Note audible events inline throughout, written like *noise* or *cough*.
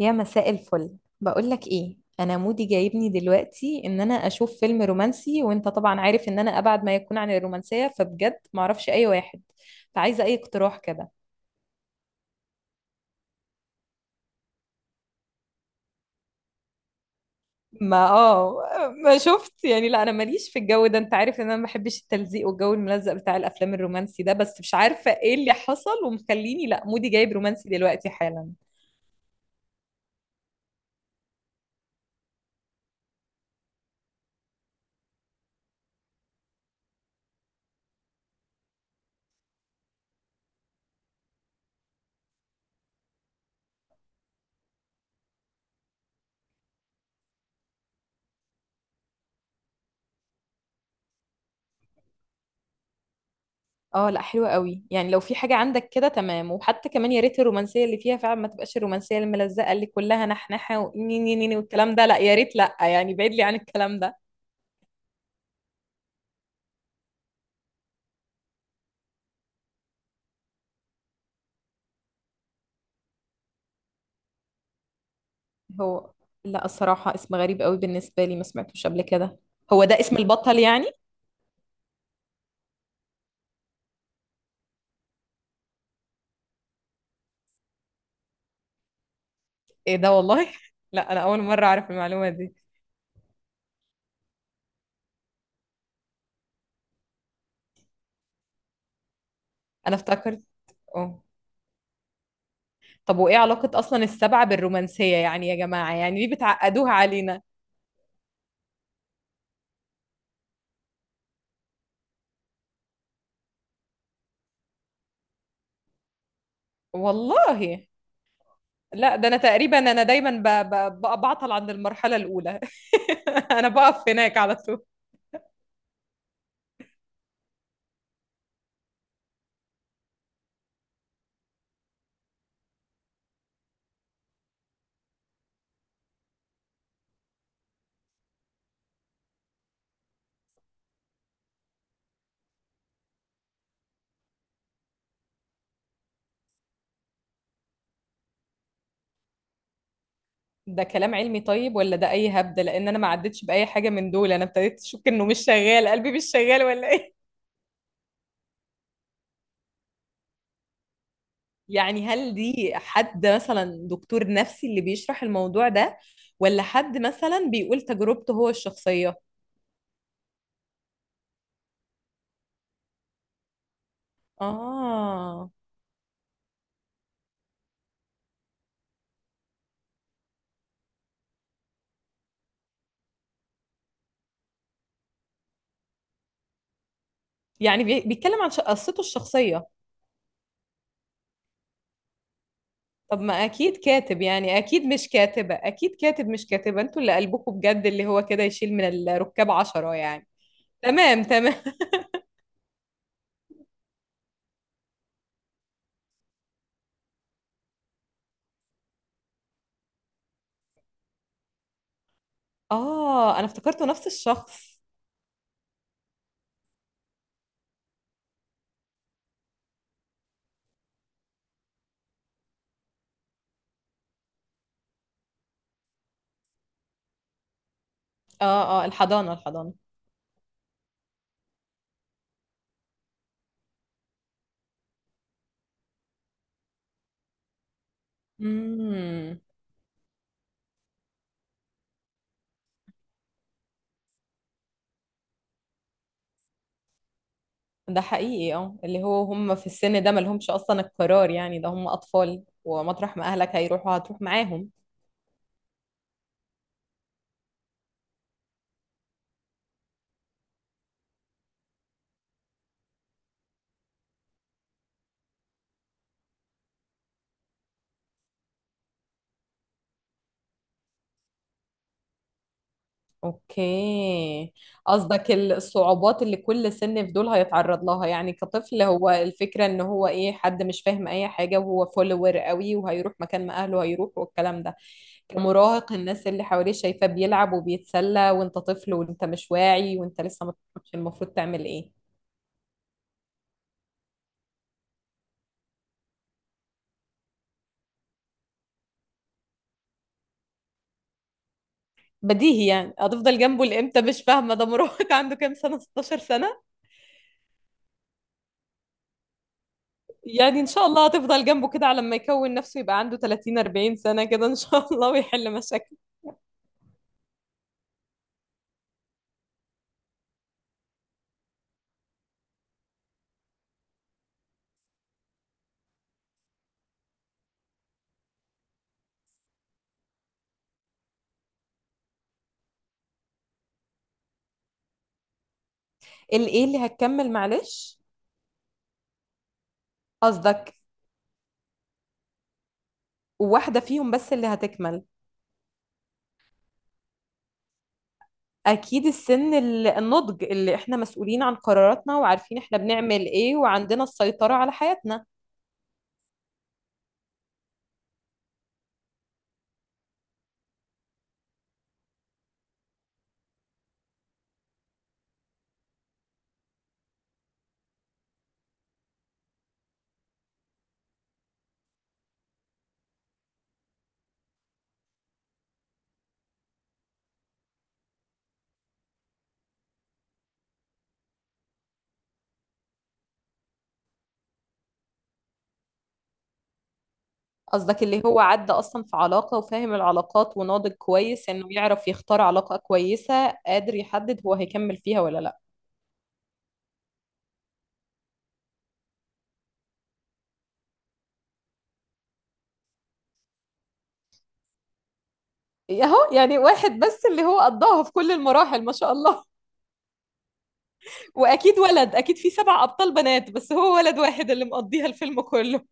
يا مساء الفل، بقولك ايه، انا مودي جايبني دلوقتي ان انا اشوف فيلم رومانسي، وانت طبعا عارف ان انا ابعد ما يكون عن الرومانسية، فبجد معرفش اي واحد، فعايزة اي اقتراح كده. ما اه ما شفت، يعني لا انا ماليش في الجو ده، انت عارف ان انا ما بحبش التلزيق والجو الملزق بتاع الافلام الرومانسي ده، بس مش عارفة ايه اللي حصل ومخليني لا مودي جايب رومانسي دلوقتي حالا. اه لا حلوة قوي، يعني لو في حاجة عندك كده تمام، وحتى كمان يا ريت الرومانسية اللي فيها فعلا ما تبقاش الرومانسية الملزقة اللي كلها نحنحة ونينينيني والكلام ده، لا يا ريت، لا يعني بعيد لي عن الكلام ده. هو لا الصراحة اسم غريب قوي بالنسبة لي، ما سمعتوش قبل كده. هو ده اسم البطل يعني؟ ايه ده والله *laughs* لا انا اول مرة اعرف المعلومة دي. انا افتكرت، اه. طب وايه علاقة اصلا السبعة بالرومانسية يعني؟ يا جماعة يعني ليه بتعقدوها علينا؟ والله، لا ده انا تقريبا انا دايما بعطل عند المرحله الاولى. *laughs* انا بقف هناك على طول. ده كلام علمي طيب ولا ده اي هبده؟ لان انا ما عدتش باي حاجه من دول، انا ابتديت اشك انه مش شغال، قلبي مش شغال ولا ايه؟ يعني هل دي حد مثلا دكتور نفسي اللي بيشرح الموضوع ده، ولا حد مثلا بيقول تجربته هو الشخصيه؟ اه يعني بيتكلم عن قصته الشخصيه. طب ما اكيد كاتب، يعني اكيد مش كاتبة، اكيد كاتب مش كاتبة، انتوا اللي قلبكم بجد اللي هو كده يشيل من الركاب عشرة يعني. تمام تمام. اه انا افتكرته نفس الشخص. اه اه، الحضانة الحضانة. امم. ده حقيقي، اه اللي هو هم في السن ده ما لهمش اصلا القرار، يعني ده هم اطفال، ومطرح ما اهلك هيروحوا هتروح معاهم. اوكي. قصدك الصعوبات اللي كل سن في دول هيتعرض لها، يعني كطفل هو الفكرة ان هو ايه، حد مش فاهم اي حاجة وهو فولور قوي وهيروح مكان ما اهله هيروح والكلام ده. كمراهق الناس اللي حواليه شايفاه بيلعب وبيتسلى وانت طفل وانت مش واعي وانت لسه ما تعرفش المفروض تعمل ايه. بديهي يعني هتفضل جنبه لامتى؟ مش فاهمة، ده مراهق *laughs* عنده كام سنة؟ 16 سنة، يعني ان شاء الله هتفضل جنبه كده على ما يكون نفسه يبقى عنده 30 40 سنة كده ان شاء الله ويحل مشاكله. الايه اللي هتكمل معلش؟ قصدك واحدة فيهم بس اللي هتكمل؟ أكيد السن النضج، اللي إحنا مسؤولين عن قراراتنا وعارفين إحنا بنعمل إيه وعندنا السيطرة على حياتنا. قصدك اللي هو عدى أصلا في علاقة وفاهم العلاقات وناضج كويس إنه يعرف يختار علاقة كويسة، قادر يحدد هو هيكمل فيها ولا لأ؟ أهو يعني واحد بس اللي هو قضاها في كل المراحل، ما شاء الله. وأكيد ولد، أكيد في سبع أبطال بنات بس هو ولد واحد اللي مقضيها الفيلم كله.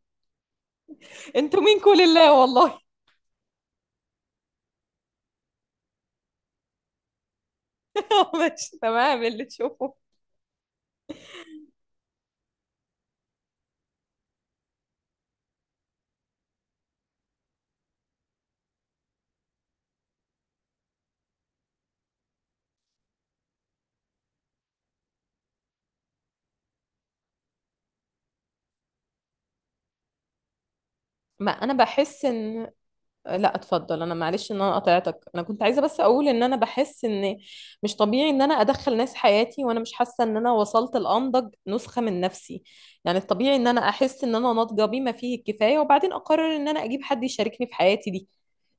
انتوا مين كل الله والله. *laughs* ماشي تمام اللي تشوفه. ما انا بحس ان، لا اتفضل، انا معلش ان انا قطعتك، انا كنت عايزه بس اقول ان انا بحس ان مش طبيعي ان انا ادخل ناس حياتي وانا مش حاسه ان انا وصلت لانضج نسخه من نفسي. يعني الطبيعي ان انا احس ان انا ناضجه بما فيه الكفايه، وبعدين اقرر ان انا اجيب حد يشاركني في حياتي دي.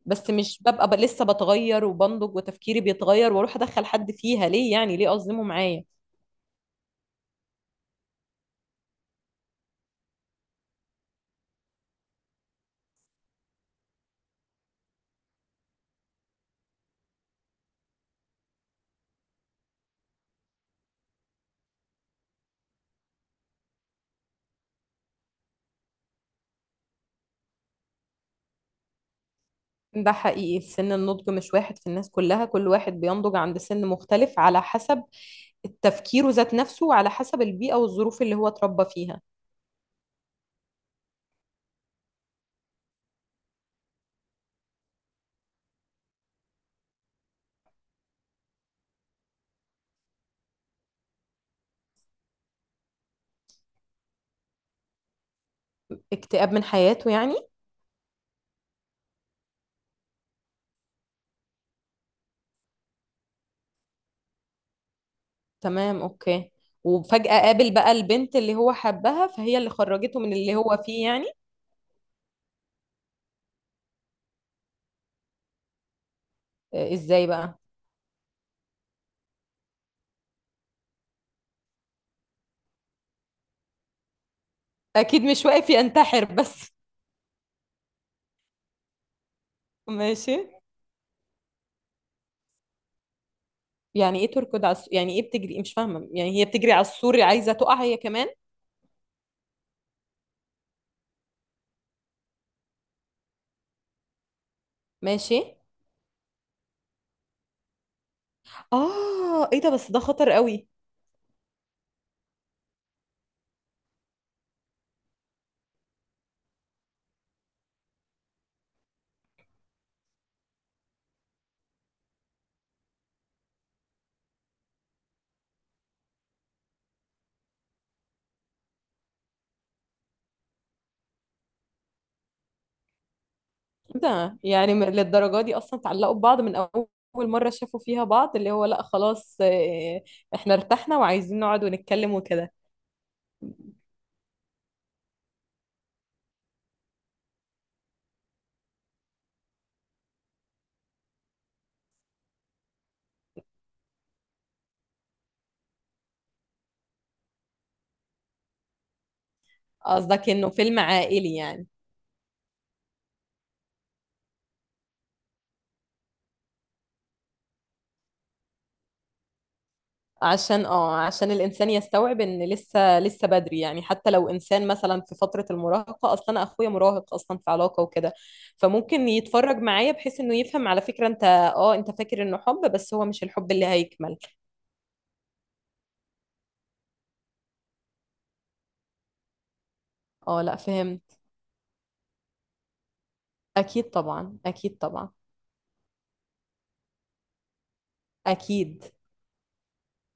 بس مش ببقى لسه بتغير وبنضج وتفكيري بيتغير واروح ادخل حد فيها ليه يعني؟ ليه اظلمه معايا؟ ده حقيقي، سن النضج مش واحد في الناس كلها، كل واحد بينضج عند سن مختلف على حسب تفكيره ذات نفسه وعلى حسب البيئة والظروف اللي هو اتربى فيها. اكتئاب من حياته يعني؟ تمام اوكي. وفجأة قابل بقى البنت اللي هو حبها، فهي اللي خرجته من اللي هو فيه يعني. آه, ازاي بقى؟ اكيد مش واقف ينتحر بس. *laughs* ماشي. يعني ايه تركض على يعني ايه بتجري، مش فاهمة، يعني هي بتجري على السور عايزة تقع هي كمان؟ ماشي. اه ايه ده، بس ده خطر قوي. ده يعني للدرجة دي أصلا اتعلقوا ببعض من أول مرة شافوا فيها بعض؟ اللي هو لأ خلاص آه, إحنا ارتحنا وعايزين نقعد ونتكلم وكده. قصدك إنه فيلم عائلي يعني؟ عشان اه عشان الإنسان يستوعب إن لسه لسه بدري، يعني حتى لو إنسان مثلا في فترة المراهقة، أصلا أنا أخويا مراهق أصلا في علاقة وكده، فممكن يتفرج معايا بحيث إنه يفهم على فكرة أنت اه أنت فاكر إنه حب بس هو مش الحب اللي هيكمل. اه لأ فهمت. أكيد طبعا أكيد طبعا. أكيد.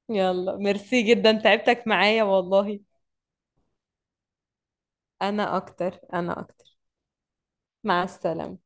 يلا ميرسي جدا، تعبتك معايا والله. انا اكتر انا اكتر. مع السلامة.